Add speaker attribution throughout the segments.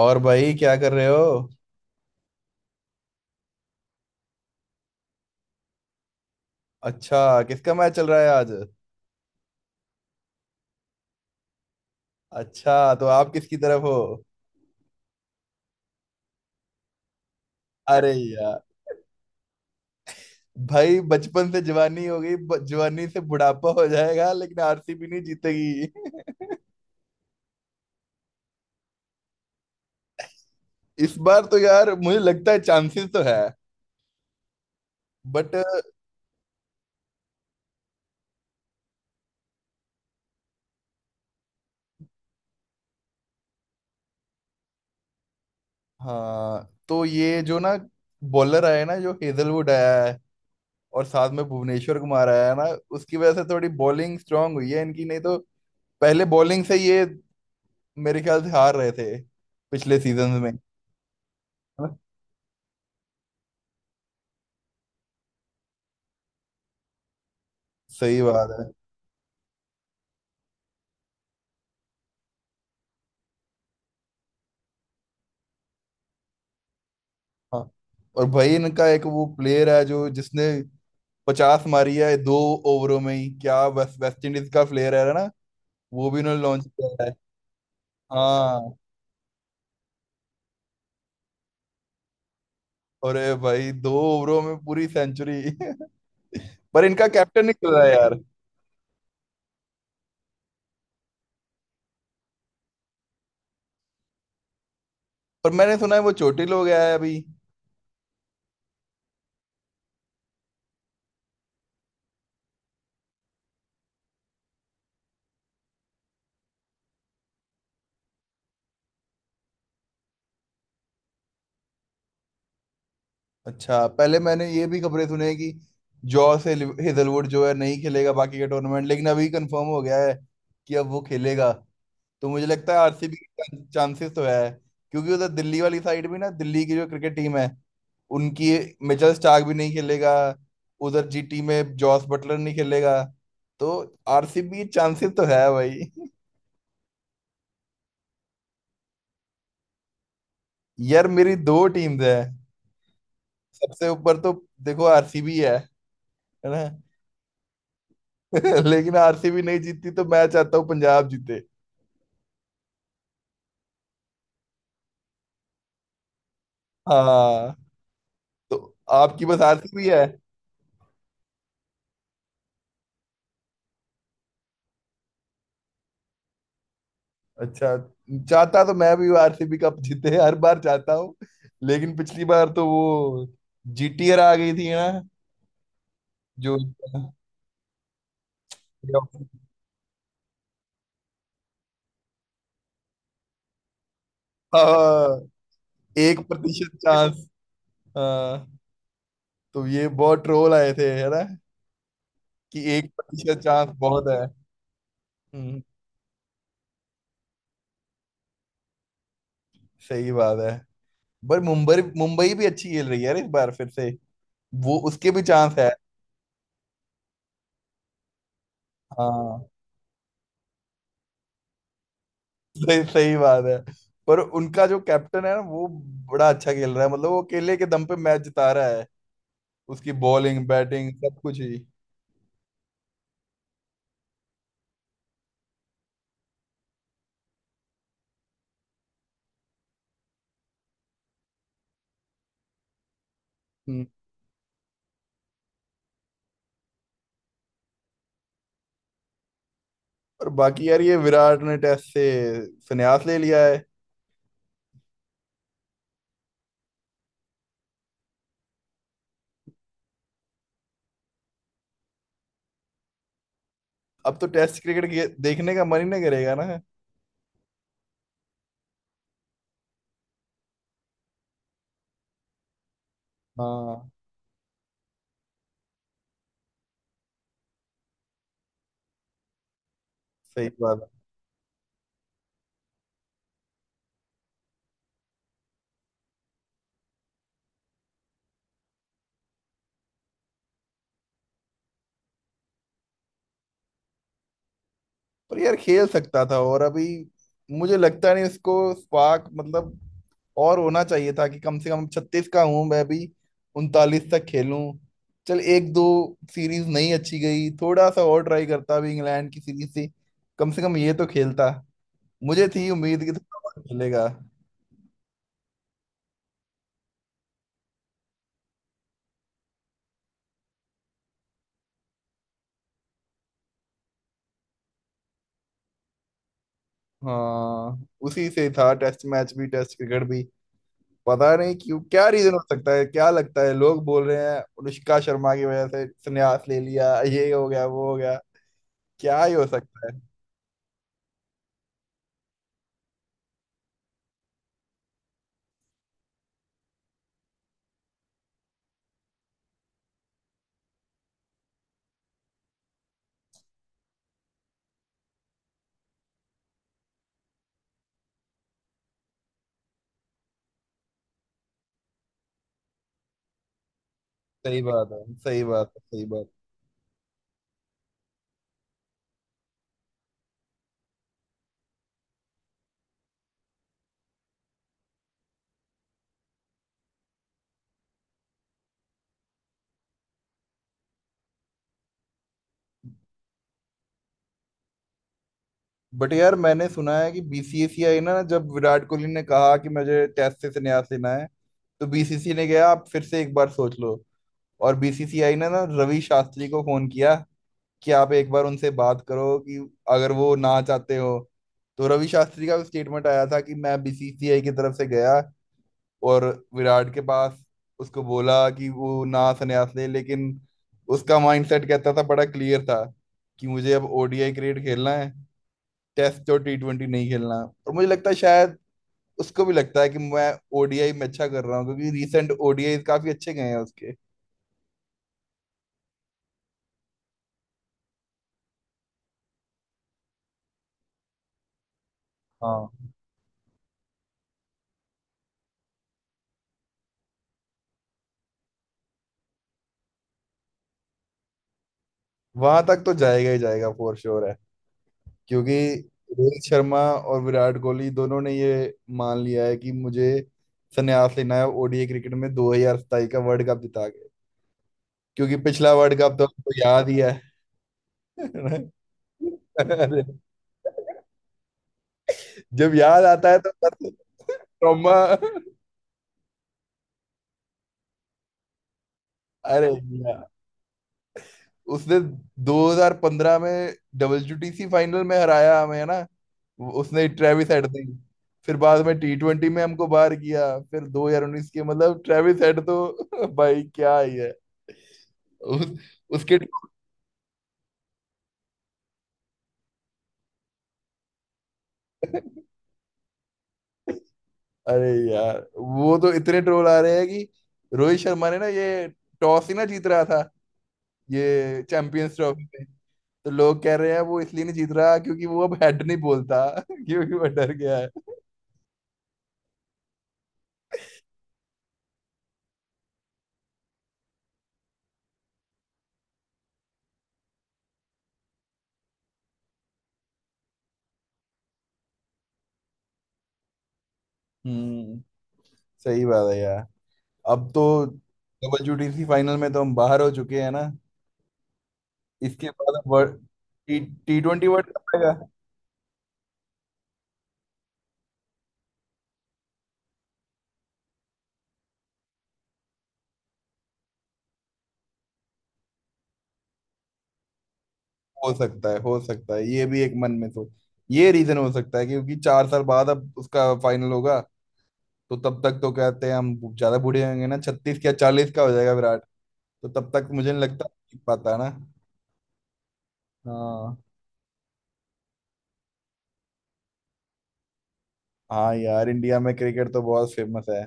Speaker 1: और भाई क्या कर रहे हो। अच्छा, किसका मैच चल रहा है आज? अच्छा, तो आप किसकी तरफ हो? अरे यार। भाई बचपन से जवानी हो गई, जवानी से बुढ़ापा हो जाएगा, लेकिन आरसीबी नहीं जीतेगी। इस बार तो यार मुझे लगता है चांसेस तो है, बट। हाँ, तो ये जो ना बॉलर आया है ना, जो हेजलवुड आया है, और साथ में भुवनेश्वर कुमार आया है ना, उसकी वजह से थोड़ी बॉलिंग स्ट्रांग हुई है इनकी, नहीं तो पहले बॉलिंग से ये मेरे ख्याल से हार रहे थे पिछले सीजन में। है ना? सही बात है। हाँ, और भाई इनका एक वो प्लेयर है जो जिसने 50 मारी है 2 ओवरों में ही, क्या वेस्ट वेस्ट इंडीज का प्लेयर है ना, वो भी इन्होंने लॉन्च किया है। हाँ, अरे भाई 2 ओवरों में पूरी सेंचुरी। पर इनका कैप्टन निकल रहा है यार। पर मैंने सुना है वो चोटिल हो गया है अभी। अच्छा, पहले मैंने ये भी खबरें सुने हैं कि जॉस हिजलवुड जो है नहीं खेलेगा बाकी के टूर्नामेंट, लेकिन अभी कंफर्म हो गया है कि अब वो खेलेगा। तो मुझे लगता है आरसीबी के चांसेस तो है, क्योंकि उधर दिल्ली वाली साइड भी ना, दिल्ली की जो क्रिकेट टीम है उनकी, मिचेल स्टार्क भी नहीं खेलेगा। उधर जीटी में जॉस बटलर नहीं खेलेगा। तो आरसीबी चांसेस तो है भाई। यार मेरी दो टीम्स है। सबसे ऊपर तो देखो आरसीबी है ना। लेकिन आरसीबी नहीं जीतती तो मैं चाहता हूँ पंजाब जीते। हाँ, तो आपकी बस आरसीबी है। अच्छा, चाहता तो मैं भी आरसीबी कप जीते हर बार चाहता हूँ, लेकिन पिछली बार तो वो जीटीआर आ गई थी ना, जो। हाँ, 1% चांस। हाँ, तो ये बहुत ट्रोल आए थे है ना, कि 1% चांस बहुत है। हम्म, सही बात है। पर मुंबई मुंबई भी अच्छी खेल रही है यार इस बार फिर से, वो उसके भी चांस है। हाँ, सही सही बात है। पर उनका जो कैप्टन है ना, वो बड़ा अच्छा खेल रहा है, मतलब वो अकेले के दम पे मैच जिता रहा है। उसकी बॉलिंग बैटिंग सब कुछ ही। हम्म, और बाकी यार ये विराट ने टेस्ट से संन्यास ले लिया है। अब तो टेस्ट क्रिकेट देखने का मन ही नहीं करेगा ना। हाँ, सही बात। पर यार खेल सकता था, और अभी मुझे लगता नहीं उसको स्पार्क, मतलब और होना चाहिए था कि कम से कम 36 का हूं, मैं भी 39 तक खेलूं। चल, एक दो सीरीज नहीं अच्छी गई, थोड़ा सा और ट्राई करता भी, इंग्लैंड की सीरीज से कम ये तो खेलता। मुझे थी उम्मीद कि थोड़ा बहुत खेलेगा। हाँ, उसी से था टेस्ट मैच भी, टेस्ट क्रिकेट भी। पता नहीं क्यों, क्या रीजन हो सकता है, क्या लगता है, लोग बोल रहे हैं अनुष्का शर्मा की वजह से संन्यास ले लिया, ये हो गया वो हो गया, क्या ही हो सकता है। सही बात है, सही बात है, सही बात। बट यार, मैंने सुना है कि बीसीसीआई ना, जब विराट कोहली ने कहा कि मुझे टेस्ट से संन्यास लेना है, तो बीसीसीआई ने कहा आप फिर से एक बार सोच लो। और बीसीसीआई ने ना रवि शास्त्री को फोन किया कि आप एक बार उनसे बात करो, कि अगर वो ना चाहते हो तो। रवि शास्त्री का स्टेटमेंट आया था कि मैं बीसीसीआई की तरफ से गया, और विराट के पास, उसको बोला कि वो ना संन्यास ले, लेकिन उसका माइंडसेट कहता था, बड़ा क्लियर था, कि मुझे अब ओडीआई क्रिकेट खेलना है, टेस्ट और टी ट्वेंटी नहीं खेलना। और मुझे लगता है शायद उसको भी लगता है कि मैं ओडीआई में अच्छा कर रहा हूँ, क्योंकि रीसेंट ओडीआई काफी अच्छे गए हैं उसके। हाँ, वहां तक तो जाएगा ही जाएगा, फॉर श्योर है। क्योंकि रोहित शर्मा और विराट कोहली दोनों ने ये मान लिया है कि मुझे संन्यास लेना है ओडीआई क्रिकेट में 2027 का वर्ल्ड कप जिता के, क्योंकि पिछला वर्ल्ड कप तो हमको याद ही है। अरे, जब याद आता है तो बस। ट्रॉमा। अरे यार, उसने 2015 में डब्ल्यूटीसी फाइनल में हराया हमें है ना, उसने ट्रेविस हेड दी। फिर बाद में टी ट्वेंटी में हमको बाहर किया। फिर 2019 के, मतलब ट्रेविस हेड तो भाई क्या ही है। उस, उसके। अरे यार, वो तो इतने ट्रोल आ रहे हैं कि रोहित शर्मा ने ना ये टॉस ही ना जीत रहा था ये चैंपियंस ट्रॉफी में, तो लोग कह रहे हैं वो इसलिए नहीं जीत रहा क्योंकि वो अब हेड नहीं बोलता। क्योंकि वो डर गया है। हम्म, सही बात है यार। अब तो डब्ल्यूटीसी फाइनल में तो हम बाहर हो चुके हैं ना। इसके बाद अब world T, T twenty world cup आएगा। हो सकता है, हो सकता है ये भी एक मन में सोच, ये रीजन हो सकता है क्योंकि 4 साल बाद अब उसका फाइनल होगा। तो तब तक तो कहते हैं हम ज्यादा बूढ़े होंगे ना, 36 या 40 का हो जाएगा विराट। तो तब तक मुझे नहीं लगता जीत पाता है ना। हाँ। हाँ यार, इंडिया में क्रिकेट तो बहुत फेमस है,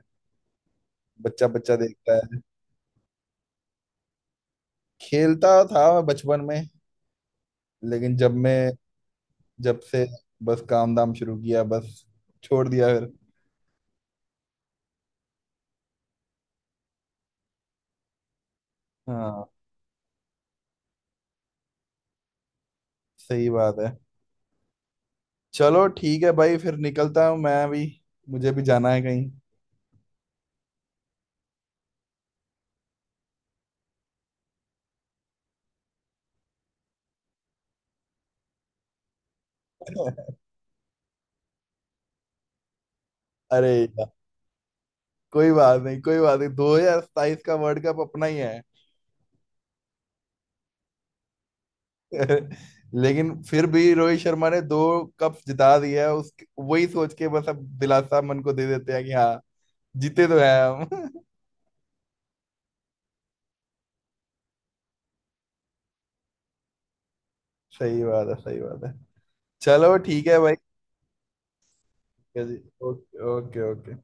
Speaker 1: बच्चा बच्चा देखता है। खेलता था मैं बचपन में, लेकिन जब मैं, जब से बस काम धाम शुरू किया, बस, छोड़ दिया फिर। हाँ, सही बात है। चलो ठीक है भाई, फिर निकलता हूँ मैं भी, मुझे भी जाना है कहीं। अरे यार, कोई बात नहीं, कोई बात नहीं, 2027 का वर्ल्ड कप अपना ही है। लेकिन फिर भी रोहित शर्मा ने दो कप जिता दिया है उस, वही सोच के बस अब दिलासा मन को दे देते हैं कि हाँ, जीते तो है हम। सही बात है, सही बात है। चलो ठीक है भाई। ठीक है जी। Okay okay okay.